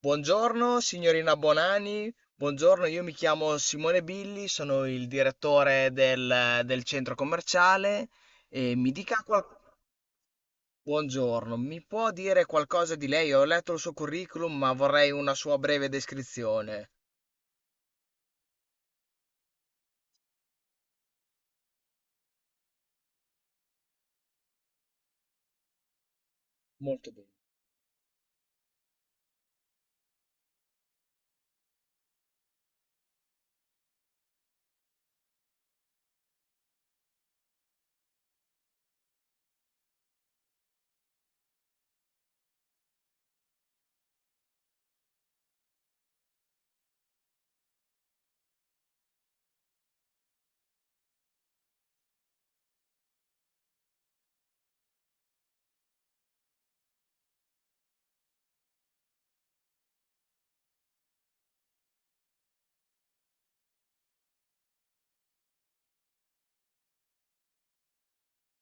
Buongiorno signorina Bonani, buongiorno, io mi chiamo Simone Billi, sono il direttore del centro commerciale e buongiorno, mi può dire qualcosa di lei? Ho letto il suo curriculum, ma vorrei una sua breve descrizione. Molto bene.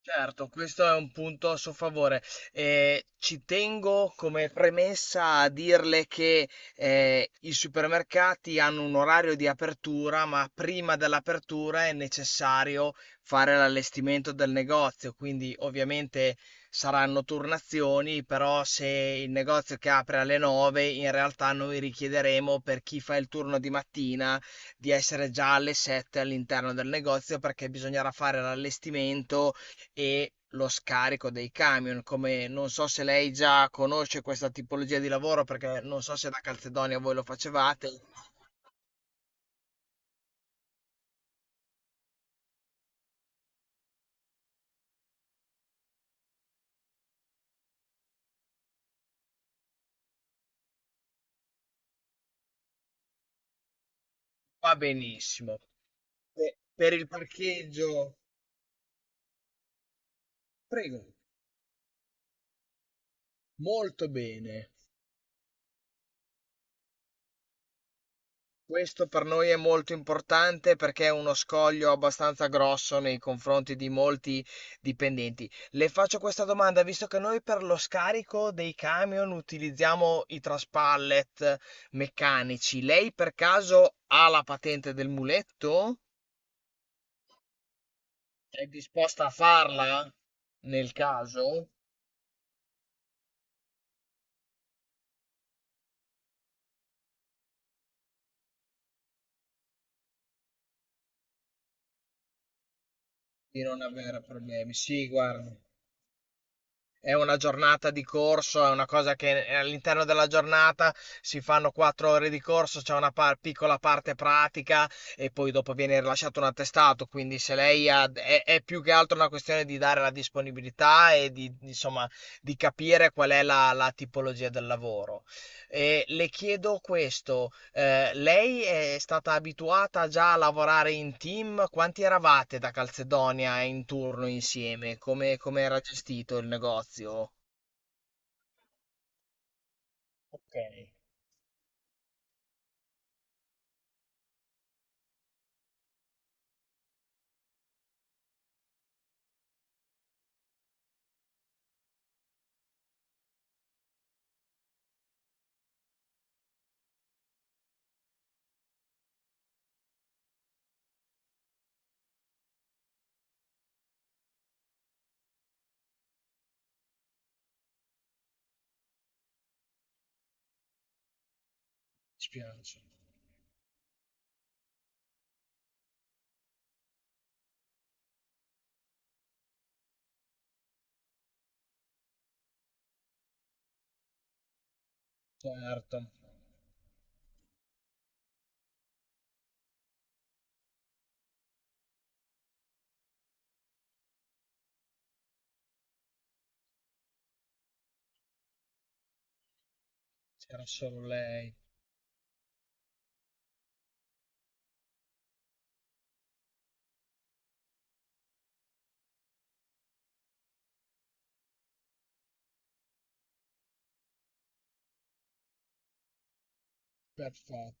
Certo, questo è un punto a suo favore. Ci tengo come premessa a dirle che i supermercati hanno un orario di apertura, ma prima dell'apertura è necessario fare l'allestimento del negozio, quindi ovviamente saranno turnazioni, però se il negozio che apre alle 9, in realtà noi richiederemo per chi fa il turno di mattina di essere già alle 7 all'interno del negozio perché bisognerà fare l'allestimento e lo scarico dei camion, come non so se lei già conosce questa tipologia di lavoro, perché non so se da Calzedonia voi lo facevate, va benissimo. Per il parcheggio, prego, molto bene. Questo per noi è molto importante perché è uno scoglio abbastanza grosso nei confronti di molti dipendenti. Le faccio questa domanda, visto che noi per lo scarico dei camion utilizziamo i traspallet meccanici, lei per caso ha la patente del muletto? È disposta a farla nel caso di non avere problemi? Sì, guarda. È una giornata di corso, è una cosa che all'interno della giornata si fanno 4 ore di corso, c'è una piccola parte pratica e poi dopo viene rilasciato un attestato. Quindi se lei ha, è più che altro una questione di dare la disponibilità e insomma, di capire qual è la tipologia del lavoro. E le chiedo questo, lei è stata abituata già a lavorare in team? Quanti eravate da Calzedonia in turno insieme? Come, come era gestito il negozio? Ok, mi spiace. Certo, c'era solo lei. Perfetto.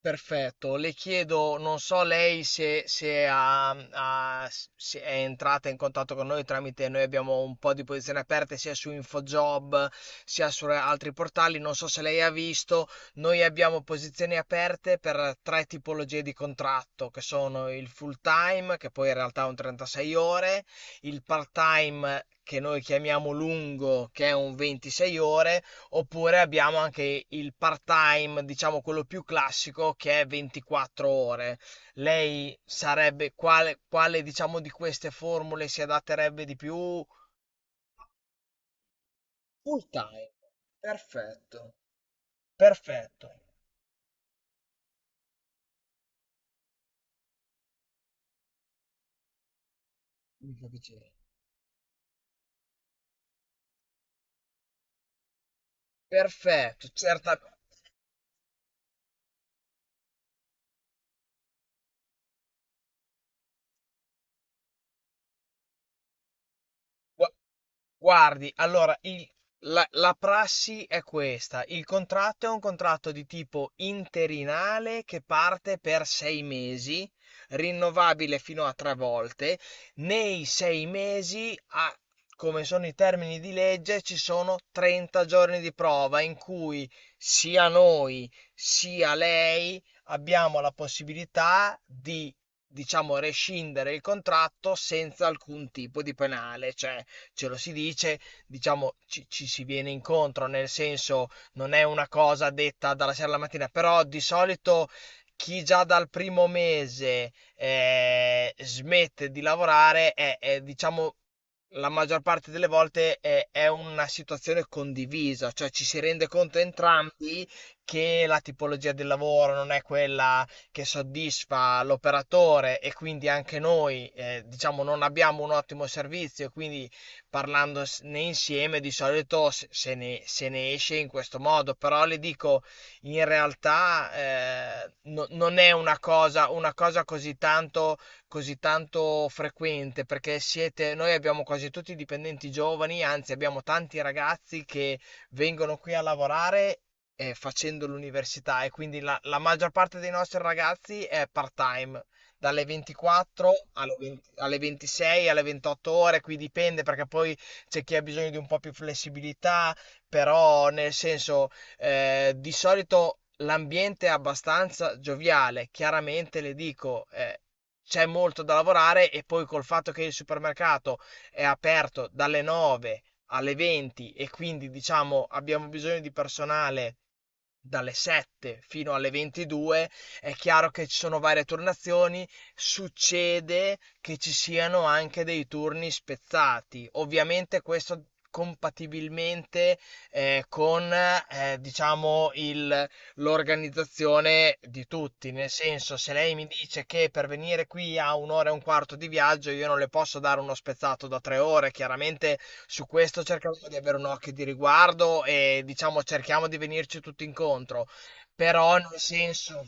Perfetto, le chiedo, non so lei se, se se è entrata in contatto con noi tramite, noi abbiamo un po' di posizioni aperte sia su InfoJob sia su altri portali, non so se lei ha visto, noi abbiamo posizioni aperte per tre tipologie di contratto, che sono il full time, che poi in realtà è un 36 ore, il part time che noi chiamiamo lungo, che è un 26 ore, oppure abbiamo anche il part-time, diciamo quello più classico, che è 24 ore. Lei sarebbe quale, quale diciamo di queste formule si adatterebbe di più? Full time. Perfetto, perfetto. Mi fa piacere. Perfetto, certa. Gua- Guardi, allora, la prassi è questa. Il contratto è un contratto di tipo interinale che parte per 6 mesi, rinnovabile fino a tre volte. Nei 6 mesi, come sono i termini di legge, ci sono 30 giorni di prova in cui sia noi sia lei abbiamo la possibilità di, diciamo, rescindere il contratto senza alcun tipo di penale. Cioè, ce lo si dice, diciamo ci si viene incontro, nel senso non è una cosa detta dalla sera alla mattina, però di solito chi già dal primo mese smette di lavorare diciamo la maggior parte delle volte è una situazione condivisa, cioè ci si rende conto entrambi che la tipologia del lavoro non è quella che soddisfa l'operatore e quindi anche noi diciamo non abbiamo un ottimo servizio e quindi parlandone insieme di solito se ne esce in questo modo, però le dico, in realtà non è una cosa così tanto frequente, perché siete, noi abbiamo quasi tutti dipendenti giovani, anzi abbiamo tanti ragazzi che vengono qui a lavorare. Facendo l'università e quindi la maggior parte dei nostri ragazzi è part-time dalle 24 alle 20 alle 26, alle 28 ore, qui dipende perché poi c'è chi ha bisogno di un po' più flessibilità, però nel senso di solito l'ambiente è abbastanza gioviale, chiaramente le dico, c'è molto da lavorare e poi col fatto che il supermercato è aperto dalle 9 alle 20 e quindi diciamo abbiamo bisogno di personale dalle 7 fino alle 22, è chiaro che ci sono varie turnazioni, succede che ci siano anche dei turni spezzati. Ovviamente questo compatibilmente con diciamo l'organizzazione di tutti, nel senso se lei mi dice che per venire qui a un'ora e un quarto di viaggio io non le posso dare uno spezzato da 3 ore, chiaramente su questo cercheremo di avere un occhio di riguardo e diciamo cerchiamo di venirci tutti incontro, però nel senso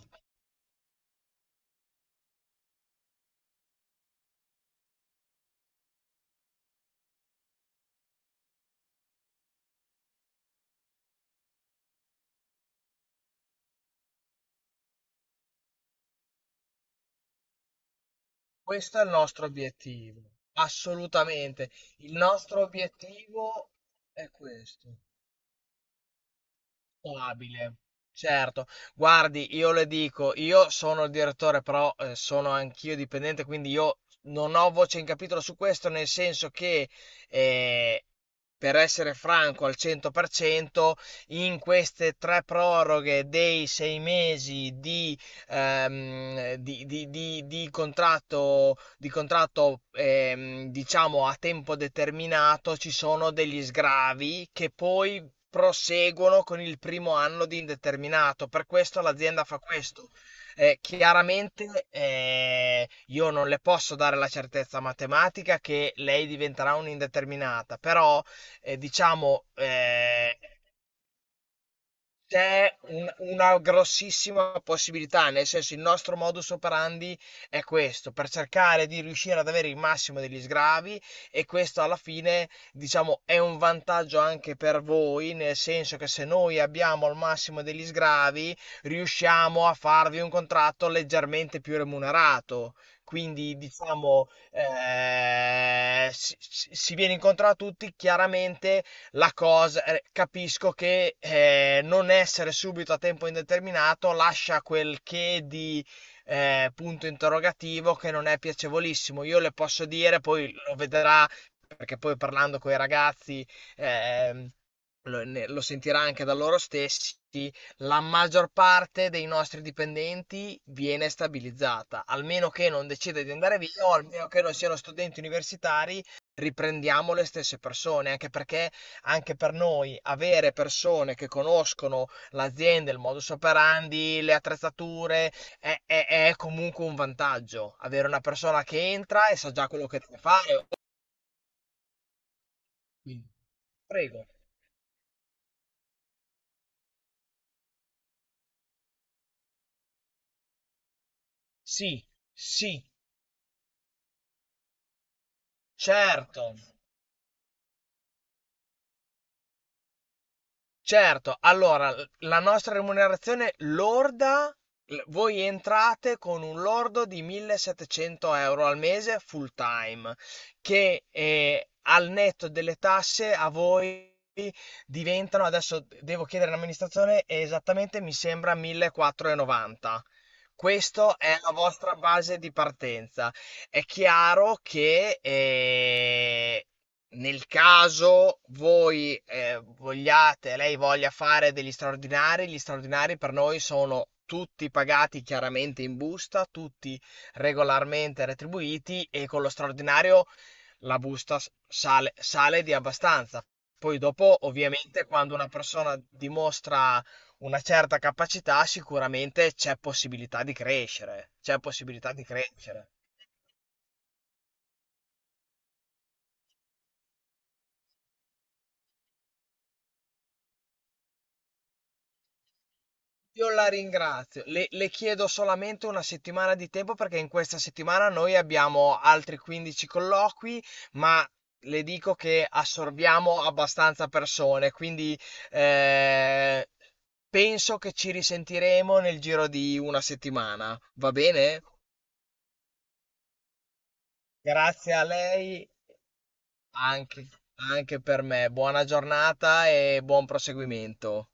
questo è il nostro obiettivo, assolutamente. Il nostro obiettivo è questo. Stabile. Certo. Guardi, io le dico, io sono il direttore, però sono anch'io dipendente, quindi io non ho voce in capitolo su questo, nel senso che, eh, per essere franco al 100%, in queste tre proroghe dei 6 mesi di contratto diciamo a tempo determinato, ci sono degli sgravi che poi proseguono con il primo anno di indeterminato. Per questo l'azienda fa questo. Chiaramente io non le posso dare la certezza matematica che lei diventerà un'indeterminata, però diciamo c'è una grossissima possibilità, nel senso il nostro modus operandi è questo, per cercare di riuscire ad avere il massimo degli sgravi e questo alla fine, diciamo, è un vantaggio anche per voi, nel senso che se noi abbiamo il massimo degli sgravi, riusciamo a farvi un contratto leggermente più remunerato. Quindi diciamo si viene incontro a tutti, chiaramente la cosa, capisco che non essere subito a tempo indeterminato lascia quel che di punto interrogativo che non è piacevolissimo. Io le posso dire, poi lo vedrà, perché poi parlando con i ragazzi ehm, lo sentirà anche da loro stessi, la maggior parte dei nostri dipendenti viene stabilizzata, almeno che non decida di andare via o almeno che non siano studenti universitari, riprendiamo le stesse persone, anche perché anche per noi avere persone che conoscono l'azienda, il modus operandi, le attrezzature, è comunque un vantaggio. Avere una persona che entra e sa già quello che deve fare. Prego. Sì, sì, certo. Certo, allora la nostra remunerazione lorda, voi entrate con un lordo di 1700 euro al mese full time, che al netto delle tasse a voi diventano, adesso devo chiedere all'amministrazione, esattamente mi sembra 1490. Questa è la vostra base di partenza. È chiaro che nel caso voi vogliate, lei voglia fare degli straordinari, gli straordinari per noi sono tutti pagati chiaramente in busta, tutti regolarmente retribuiti e con lo straordinario la busta sale, sale di abbastanza. Poi dopo, ovviamente, quando una persona dimostra una certa capacità, sicuramente c'è possibilità di crescere, c'è possibilità di crescere. Io la ringrazio, le chiedo solamente una settimana di tempo perché in questa settimana noi abbiamo altri 15 colloqui, ma le dico che assorbiamo abbastanza persone, quindi eh, penso che ci risentiremo nel giro di una settimana, va bene? Grazie a lei anche anche per me. Buona giornata e buon proseguimento.